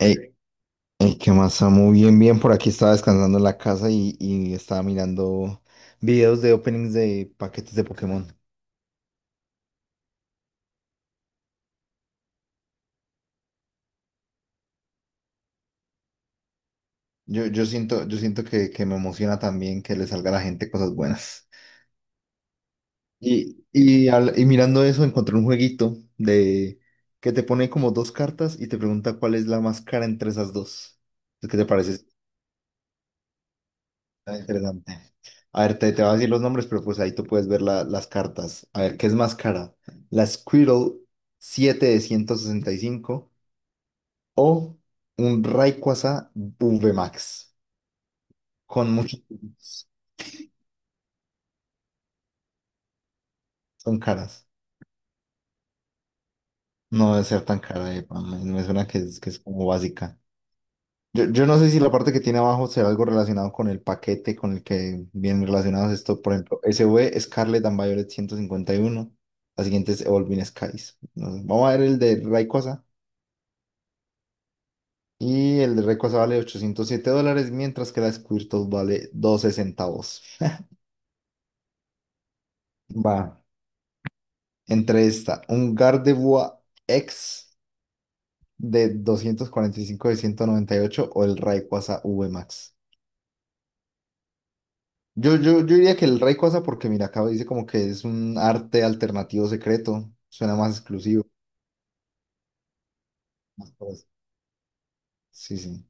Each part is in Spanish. Ey, ey, ¿qué más, Samu? Bien, bien, por aquí estaba descansando en la casa y estaba mirando videos de openings de paquetes de Pokémon. Yo siento que me emociona también que le salga a la gente cosas buenas. Y mirando eso encontré un jueguito de que te pone como dos cartas y te pregunta cuál es la más cara entre esas dos. ¿Qué te parece? Ah, interesante. A ver, te voy a decir los nombres, pero pues ahí tú puedes ver las cartas. A ver, ¿qué es más cara? ¿La Squirtle 7 de 165 o un Rayquaza V Max? Con muchos puntos. Son caras. No debe ser tan cara, pa, me suena que es como básica. Yo no sé si la parte que tiene abajo será algo relacionado con el paquete con el que vienen relacionados esto. Por ejemplo, S SV Scarlet and Violet 151. La siguiente es Evolving Skies. No sé, vamos a ver el de Rayquaza. Y el de Rayquaza vale $807, mientras que la Squirtle vale 12 centavos. Va. Entre esta, un Gardevoir X de 245 de 198 o el Rayquaza V Max. Yo diría que el Rey Cosa, porque mira, acá dice como que es un arte alternativo secreto, suena más exclusivo. Más cosas. Sí, sí.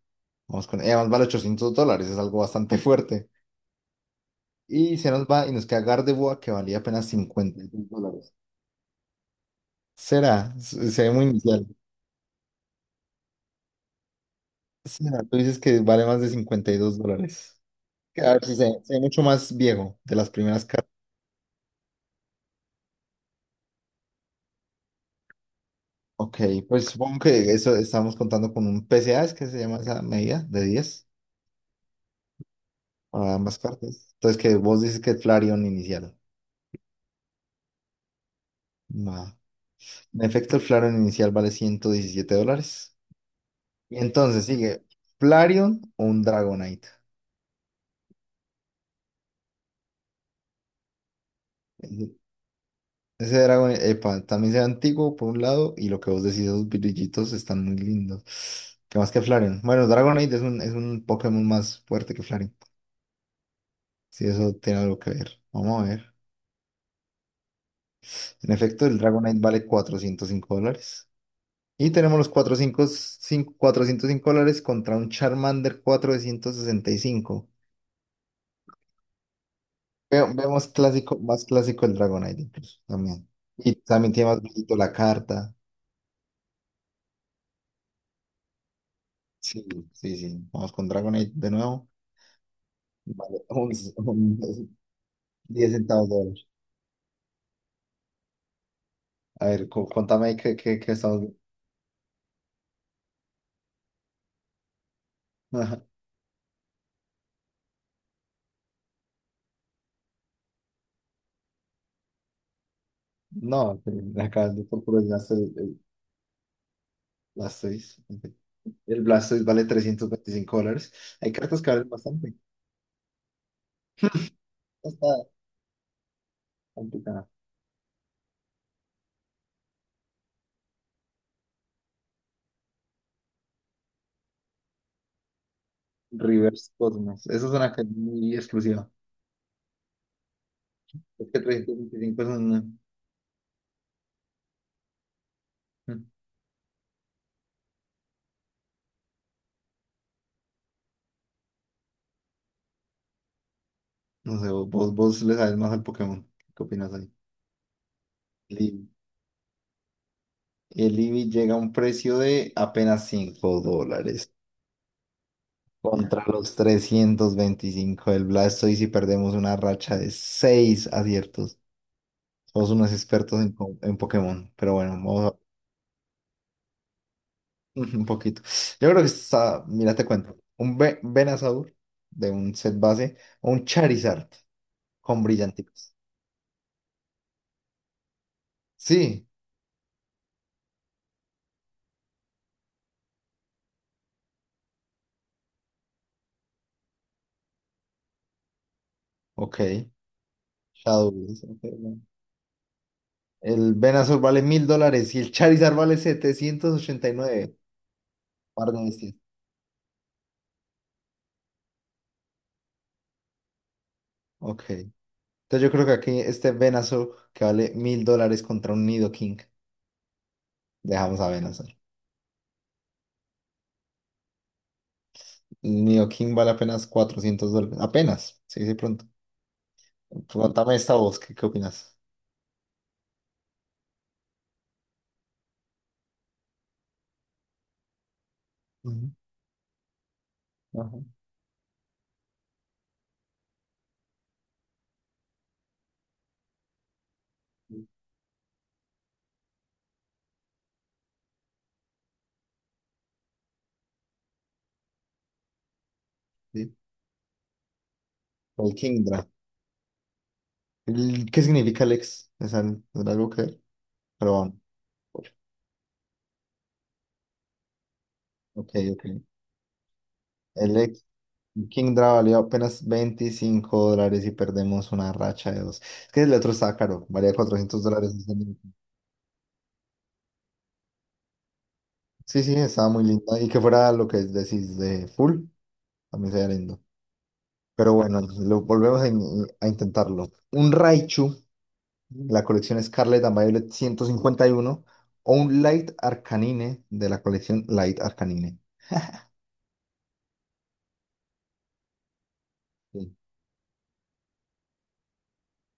Vamos con. Y además vale $800, es algo bastante fuerte. Y se nos va y nos queda Gardevoir, que valía apenas $52. Será, se ve muy inicial. Será, tú dices que vale más de $52. Que a ver si se ve mucho más viejo de las primeras cartas. Ok, pues supongo que eso estamos contando con un PCA es que se llama esa medida de 10 a ambas cartas. Entonces, que vos dices que el Flareon inicial. Va. En efecto, el Flareon inicial vale $117. Y entonces sigue Flareon o un Dragonite. Ese ese Dragonite, epa, también sea antiguo por un lado y lo que vos decís, esos brillitos están muy lindos. ¿Qué más que Flareon? Bueno, Dragonite es un Pokémon más fuerte que Flareon. Si eso tiene algo que ver. Vamos a ver. En efecto, el Dragonite vale $405. Y tenemos los cuatrocientos cinco dólares contra un Charmander 465. Veo, veo más clásico el Dragonite incluso también. Y también tiene más brillito la carta. Sí, sí, sí. Vamos con Dragonite de nuevo. Vale, un- 10 centavos de dólar. A ver, contame ahí qué estamos viendo. Ajá. No, que acá de por puro gasto el Blastoise. El Blastoise vale $325. Hay cartas que valen bastante. No está complicado. Reverse Cosmos. Esa es una canción muy exclusiva. Es que 325 es una. mm, No sé, vos le sabes más al Pokémon. ¿Qué opinas ahí? Eevee. El Eevee llega a un precio de apenas $5 contra los 325 del Blastoise y si perdemos una racha de 6 aciertos. Somos unos expertos en, en Pokémon, pero bueno, vamos a un poquito. Yo creo que está, mira, te cuento, un Venusaur de un set base o un Charizard con brillanticos. Sí, ok. Shadow Wheels, ok, bueno. El Venusaur vale $1000 y el Charizard vale 789. Par de bestias. Ok. Entonces yo creo que aquí este Venusaur que vale $1000 contra un Nidoking. Dejamos a Venusaur. El Nidoking vale apenas $400. Apenas. Sí, sí, pronto. Pregúntame esta voz, ¿qué opinas? Ujú, ajá, sí. El Kingdra. ¿Qué significa Lex? ¿Es algo que...? Pero vamos. Ok, ok. El Kingdra valió apenas $25 y perdemos una racha de dos. Es que el otro estaba caro, valía $400. Sí, sí, estaba muy lindo. Y que fuera lo que decís de full, también sería lindo. Pero bueno, lo volvemos a intentarlo. Un Raichu, la colección Scarlet and Violet 151, o un Light Arcanine de la colección Light Arcanine. Sí,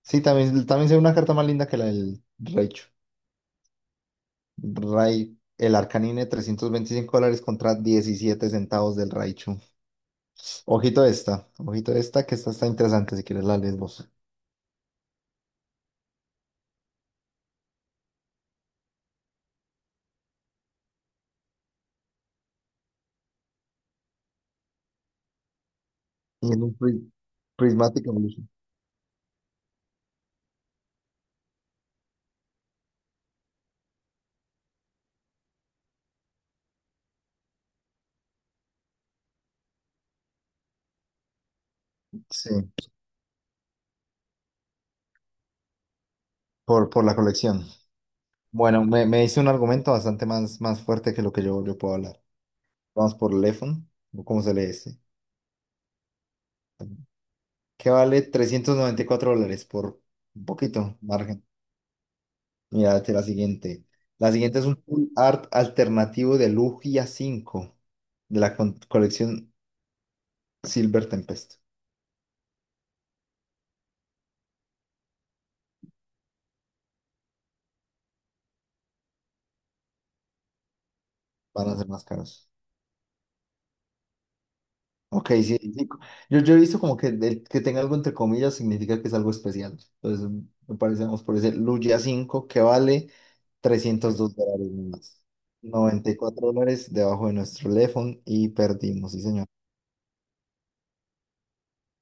sí, también, también sería una carta más linda que la del Raichu. El Arcanine, $325 contra 17 centavos del Raichu. Ojito esta, que esta está interesante, si quieres la lees vos. Y en un pri- Prismatic Evolution. Sí, por la colección. Bueno, me hice un argumento bastante más, más fuerte que lo que yo puedo hablar. Vamos por Lefon, o ¿cómo se lee este? Que vale $394 por un poquito, margen. Mira, esta es la siguiente. La siguiente es un full art alternativo de Lugia 5 de la colección Silver Tempest. Van a ser más caros. Ok, sí, sí. Yo he visto como que el que tenga algo entre comillas significa que es algo especial. Entonces, me parece, vamos por ese Lugia 5 que vale $302 más. $94 debajo de nuestro teléfono y perdimos, sí, señor.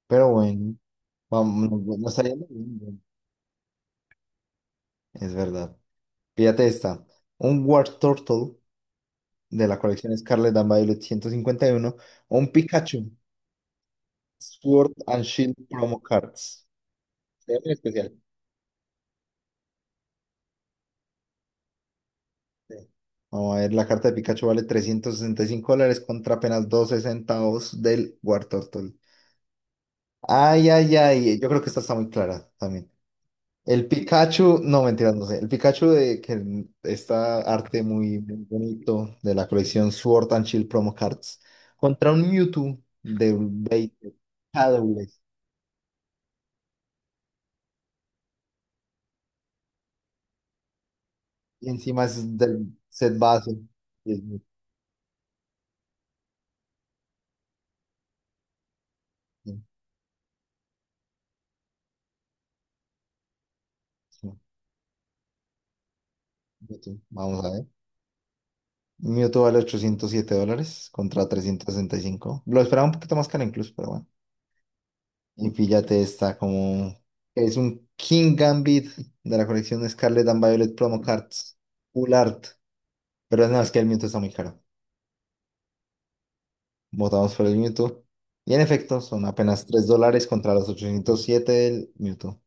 Pero bueno, vamos, no estaría mal, ¿no? Es verdad. Fíjate esta, un War Turtle de la colección Scarlet and Violet 151, o un Pikachu Sword and Shield Promo Cards. Se ve muy especial. Sí. Vamos a ver, la carta de Pikachu vale $365 contra apenas 2 centavos del War Turtle. Ay, ay, ay, yo creo que esta está muy clara también. El Pikachu, no, mentiras, no sé. El Pikachu de que está arte muy, muy bonito de la colección Sword and Shield Promo Cards contra un Mewtwo de 20 dobles, y encima es del set base. Y es Mewtwo. Sí, Mewtwo. Vamos a ver. Mewtwo vale $807 contra 365. Lo esperaba un poquito más caro incluso, pero bueno. Y píllate esta como es un King Gambit de la colección Scarlet and Violet Promo Cards. Full Art. Pero no, es que el Mewtwo está muy caro. Votamos por el Mewtwo. Y en efecto, son apenas $3 contra los 807 del Mewtwo.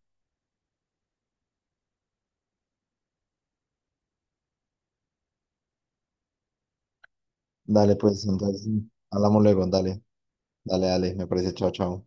Dale, pues, entonces, hablamos luego, dale, dale, dale, me parece, chao, chao.